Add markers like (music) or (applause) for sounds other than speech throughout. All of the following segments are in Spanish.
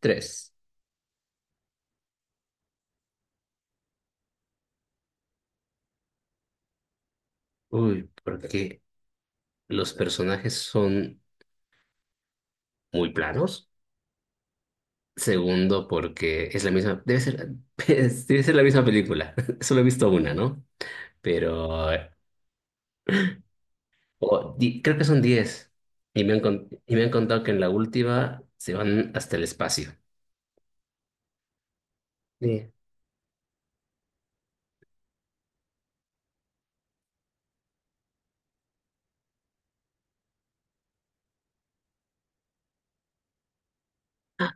Tres. Uy, porque los personajes son muy planos. Segundo, porque es la misma, debe ser, (laughs) debe ser la misma película. (laughs) Solo he visto una, ¿no? Pero creo que son 10. Y me han contado que en la última se van hasta el espacio. Sí. Ah,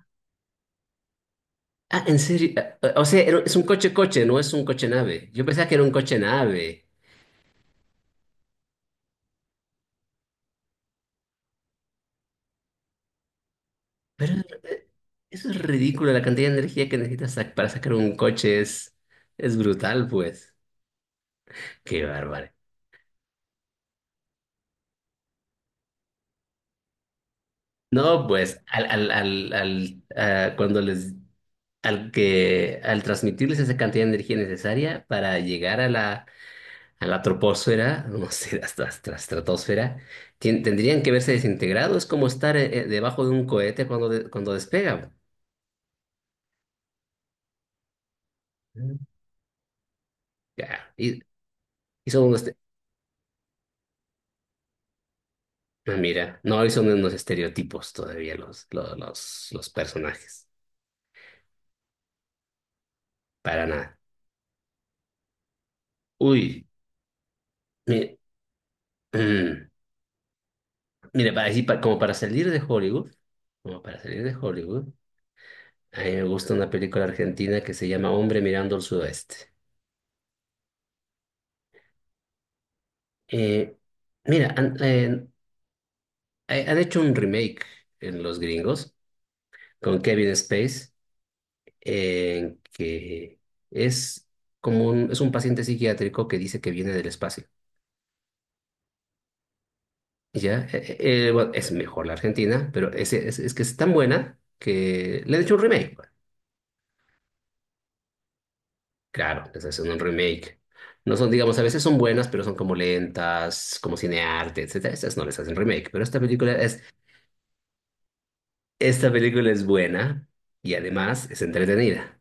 ah, en serio. Ah, ah, o sea, es un coche-coche, no es un coche-nave. Yo pensaba que era un coche-nave. Pero eh, eso es ridículo, la cantidad de energía que necesitas para sacar un coche es brutal, pues. Qué bárbaro. No, pues, al, cuando les, al que, al transmitirles esa cantidad de energía necesaria para llegar a la troposfera, (laughs) no sé, hasta la estratosfera, tendrían que verse desintegrados, es como estar debajo de un cohete cuando despega. Mm. Ya. Y son unos. Ah, mira, no hoy son unos estereotipos todavía los personajes. Para nada. Uy, mi- mm, mira, como para salir de Hollywood, como para salir de Hollywood, a mí me gusta una película argentina que se llama Hombre mirando al sudoeste. Eh, mira, han hecho un remake en Los Gringos con Kevin Space, que es un paciente psiquiátrico que dice que viene del espacio. Ya, bueno, es mejor la Argentina, pero es que es tan buena que le han hecho un remake, pues. Claro, les hacen un remake. No son, digamos, a veces son buenas, pero son como lentas, como cinearte, etcétera. Estas no les hacen remake, pero esta película es buena y además es entretenida.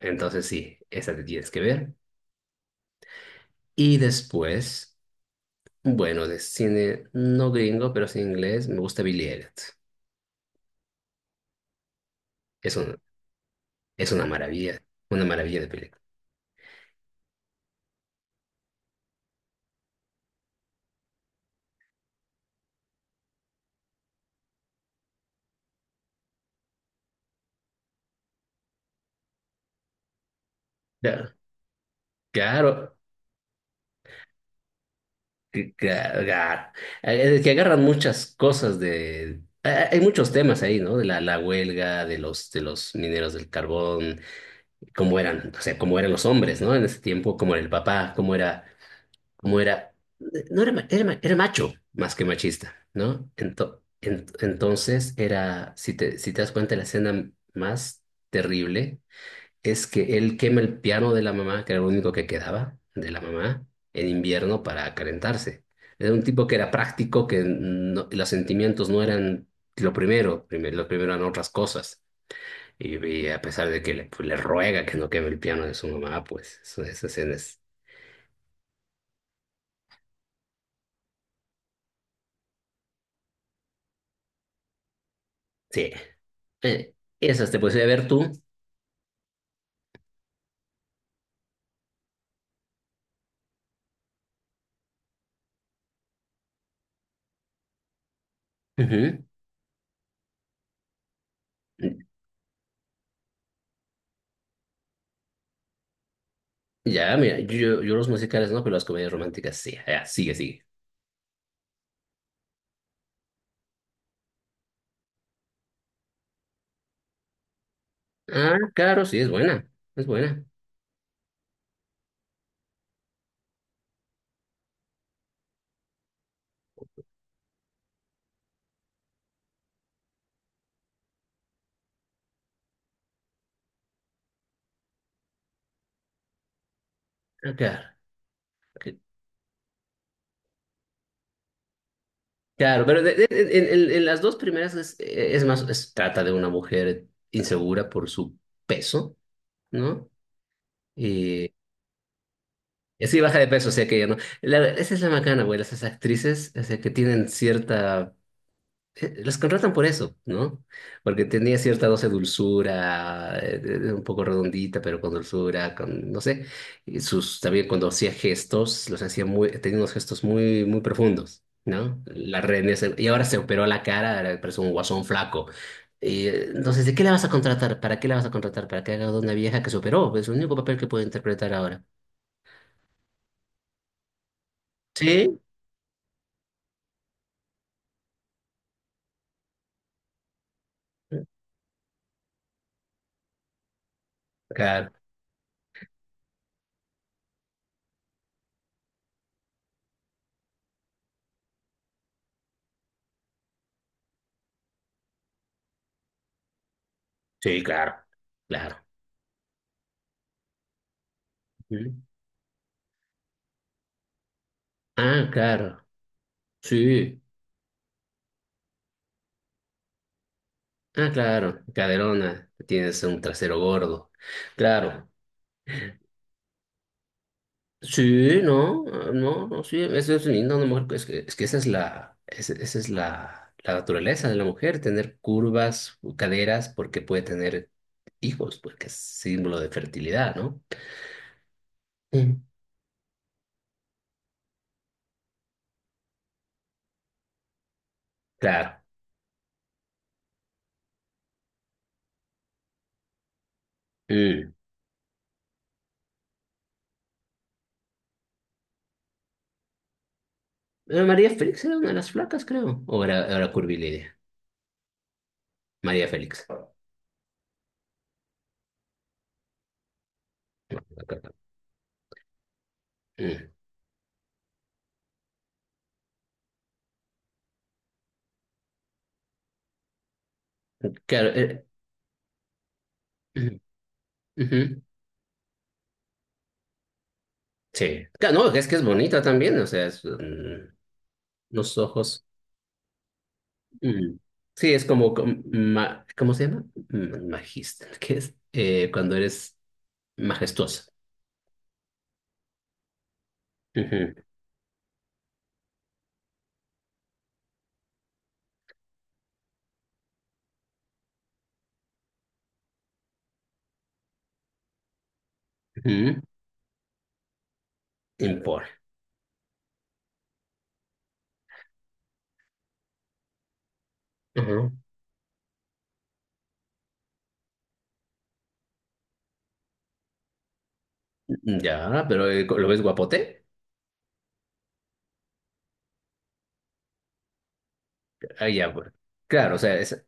Entonces sí, esa te tienes que ver. Y después, bueno, de cine no gringo, pero sí inglés, me gusta Billy Elliot. Es un, es una maravilla, una maravilla de película. Ya, claro, que, que agar- que agarran muchas cosas de... hay muchos temas ahí, ¿no? De la huelga, de los mineros del carbón, cómo eran, o sea, cómo eran los hombres, ¿no? En ese tiempo, cómo era el papá, cómo era, no era, era macho más que machista, ¿no? Entonces era, si te das cuenta, la escena más terrible es que él quema el piano de la mamá, que era lo único que quedaba de la mamá, en invierno para calentarse. Era un tipo que era práctico, que no- los sentimientos no eran lo primero, lo primero eran otras cosas. Y a pesar de que le ruega que no queme el piano de su mamá, pues esas escenas. Sí. Eh, esas te puedes ir a ver tú. Ujú. Ya, mira, yo los musicales no, pero las comedias románticas sí. Ya, sigue, sigue. Ah, claro, sí, es buena. Es buena. Ah, claro. Claro, pero en las dos primeras trata de una mujer insegura por su peso, ¿no? Y así baja de peso, o sea que ya no. Esa es la macana, güey, las esas actrices, o sea que tienen cierta, los contratan por eso, ¿no? Porque tenía cierta dosis de dulzura, un poco redondita, pero con dulzura, con, no sé, y sus, también cuando hacía gestos, los hacía muy, tenía unos gestos muy, muy profundos, ¿no? La reina, y ahora se operó la cara, ahora parece un guasón flaco. Entonces, ¿de qué la vas a contratar? ¿Para qué la vas a contratar? ¿Para que haga de una vieja que se operó? Es el único papel que puede interpretar ahora. Sí, claro, sí, claro, claro. Ujú. Ah, claro, sí. Ah, claro, caderona, tienes un trasero gordo. Claro. Sí, no, no, no, sí, eso es lindo, una mujer, es que, esa es la naturaleza de la mujer, tener curvas, caderas, porque puede tener hijos, porque es símbolo de fertilidad, ¿no? Mm. Claro. Mm. María Félix era una de las flacas, creo. O era curvilínea. María Félix. Mm. Claro. Mm, ujú. Sí. No, es que es bonita también, o sea, es, los ojos. Mm. Sí, es como, ¿cómo se llama? Mm, Magista, ¿qué es? Cuando eres majestuosa. Ujú, ujú, impone. Ujú. Ya, pero ¿lo ves guapote? Ah, ya, pues. Claro, o sea, es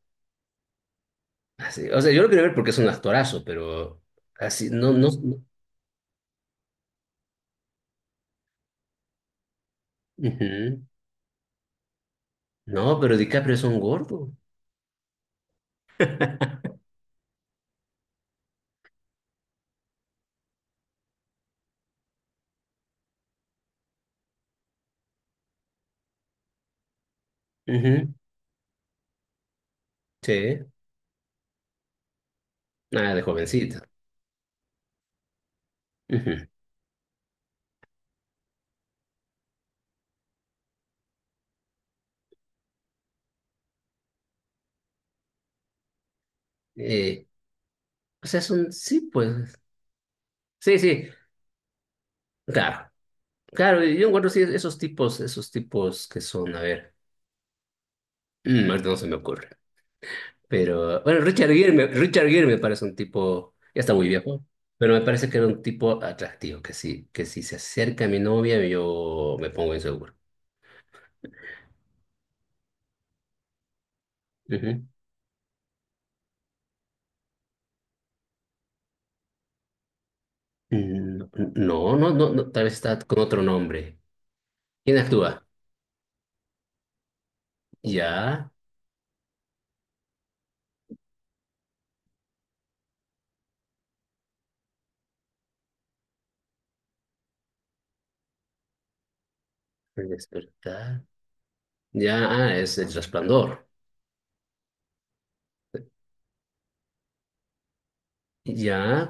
así. O sea, yo lo quiero ver porque es un actorazo, pero así, no, no. No, ujú. No, pero DiCaprio es un gordo. (laughs) Ujú, sí, nada de jovencito. Ujú. Eh, O sea, son, sí, pues, sí, sí, claro, claro, y yo encuentro sí, esos tipos que son, a ver, ahorita no se me ocurre, pero, bueno, Richard Gere, Richard Gere me parece un tipo, ya está muy viejo, pero me parece que era un tipo atractivo, que sí, que si se acerca a mi novia, yo me pongo inseguro. Ujú. Mm. No, no, no, no, tal vez está con otro nombre. ¿Quién actúa? Ya, el despertar, ya, es el resplandor, ya.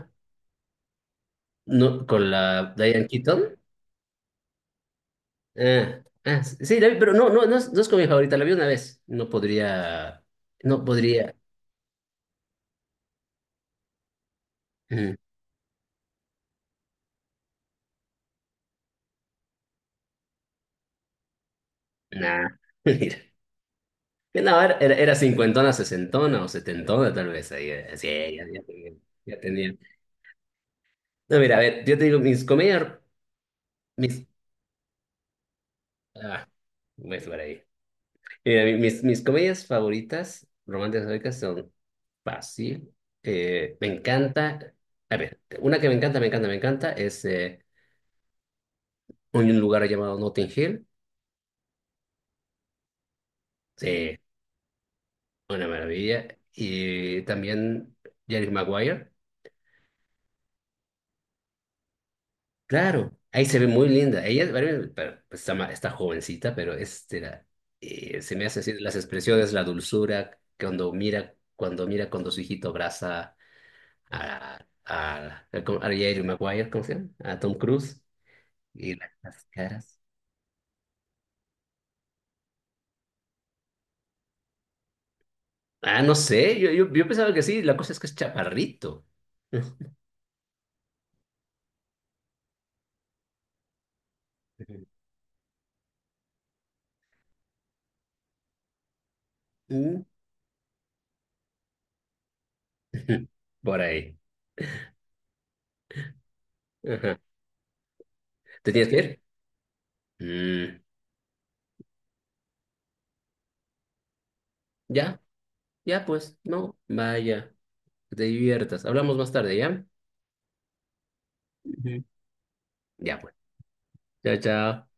No, con la Diane Keaton. Ah, ah, sí, la vi, pero no es como mi favorita, la vi una vez. No podría, no podría. Mm. Nah, (laughs) mira. Que no, era cincuentona, sesentona o setentona, tal vez. Ahí, sí, ya, ya tenía. No, mira, a ver, yo te digo, mis comedias, mis. Ah, pues por ahí. Mira, mis comedias favoritas, románticas históricas, son fácil. Me encanta. A ver, una que me encanta, me encanta, me encanta es, en un lugar llamado Notting Hill. Sí, una maravilla. Y también Jerry Maguire. Claro, ahí se ve muy linda. Ella bueno, pero, pues, está, está jovencita, pero es, se me hace así las expresiones, la dulzura, cuando mira, cuando su hijito abraza a, a Jerry Maguire, ¿cómo se llama? A Tom Cruise. Y las caras. Ah, no sé, yo pensaba que sí, la cosa es que es chaparrito. (laughs) Mm. (laughs) Por ahí. Ajá. ¿Te tienes que ir? Mm, ya, ya pues, no, vaya, que te diviertas. Hablamos más tarde, ¿ya? Ujú. Ya pues. Chao, chao.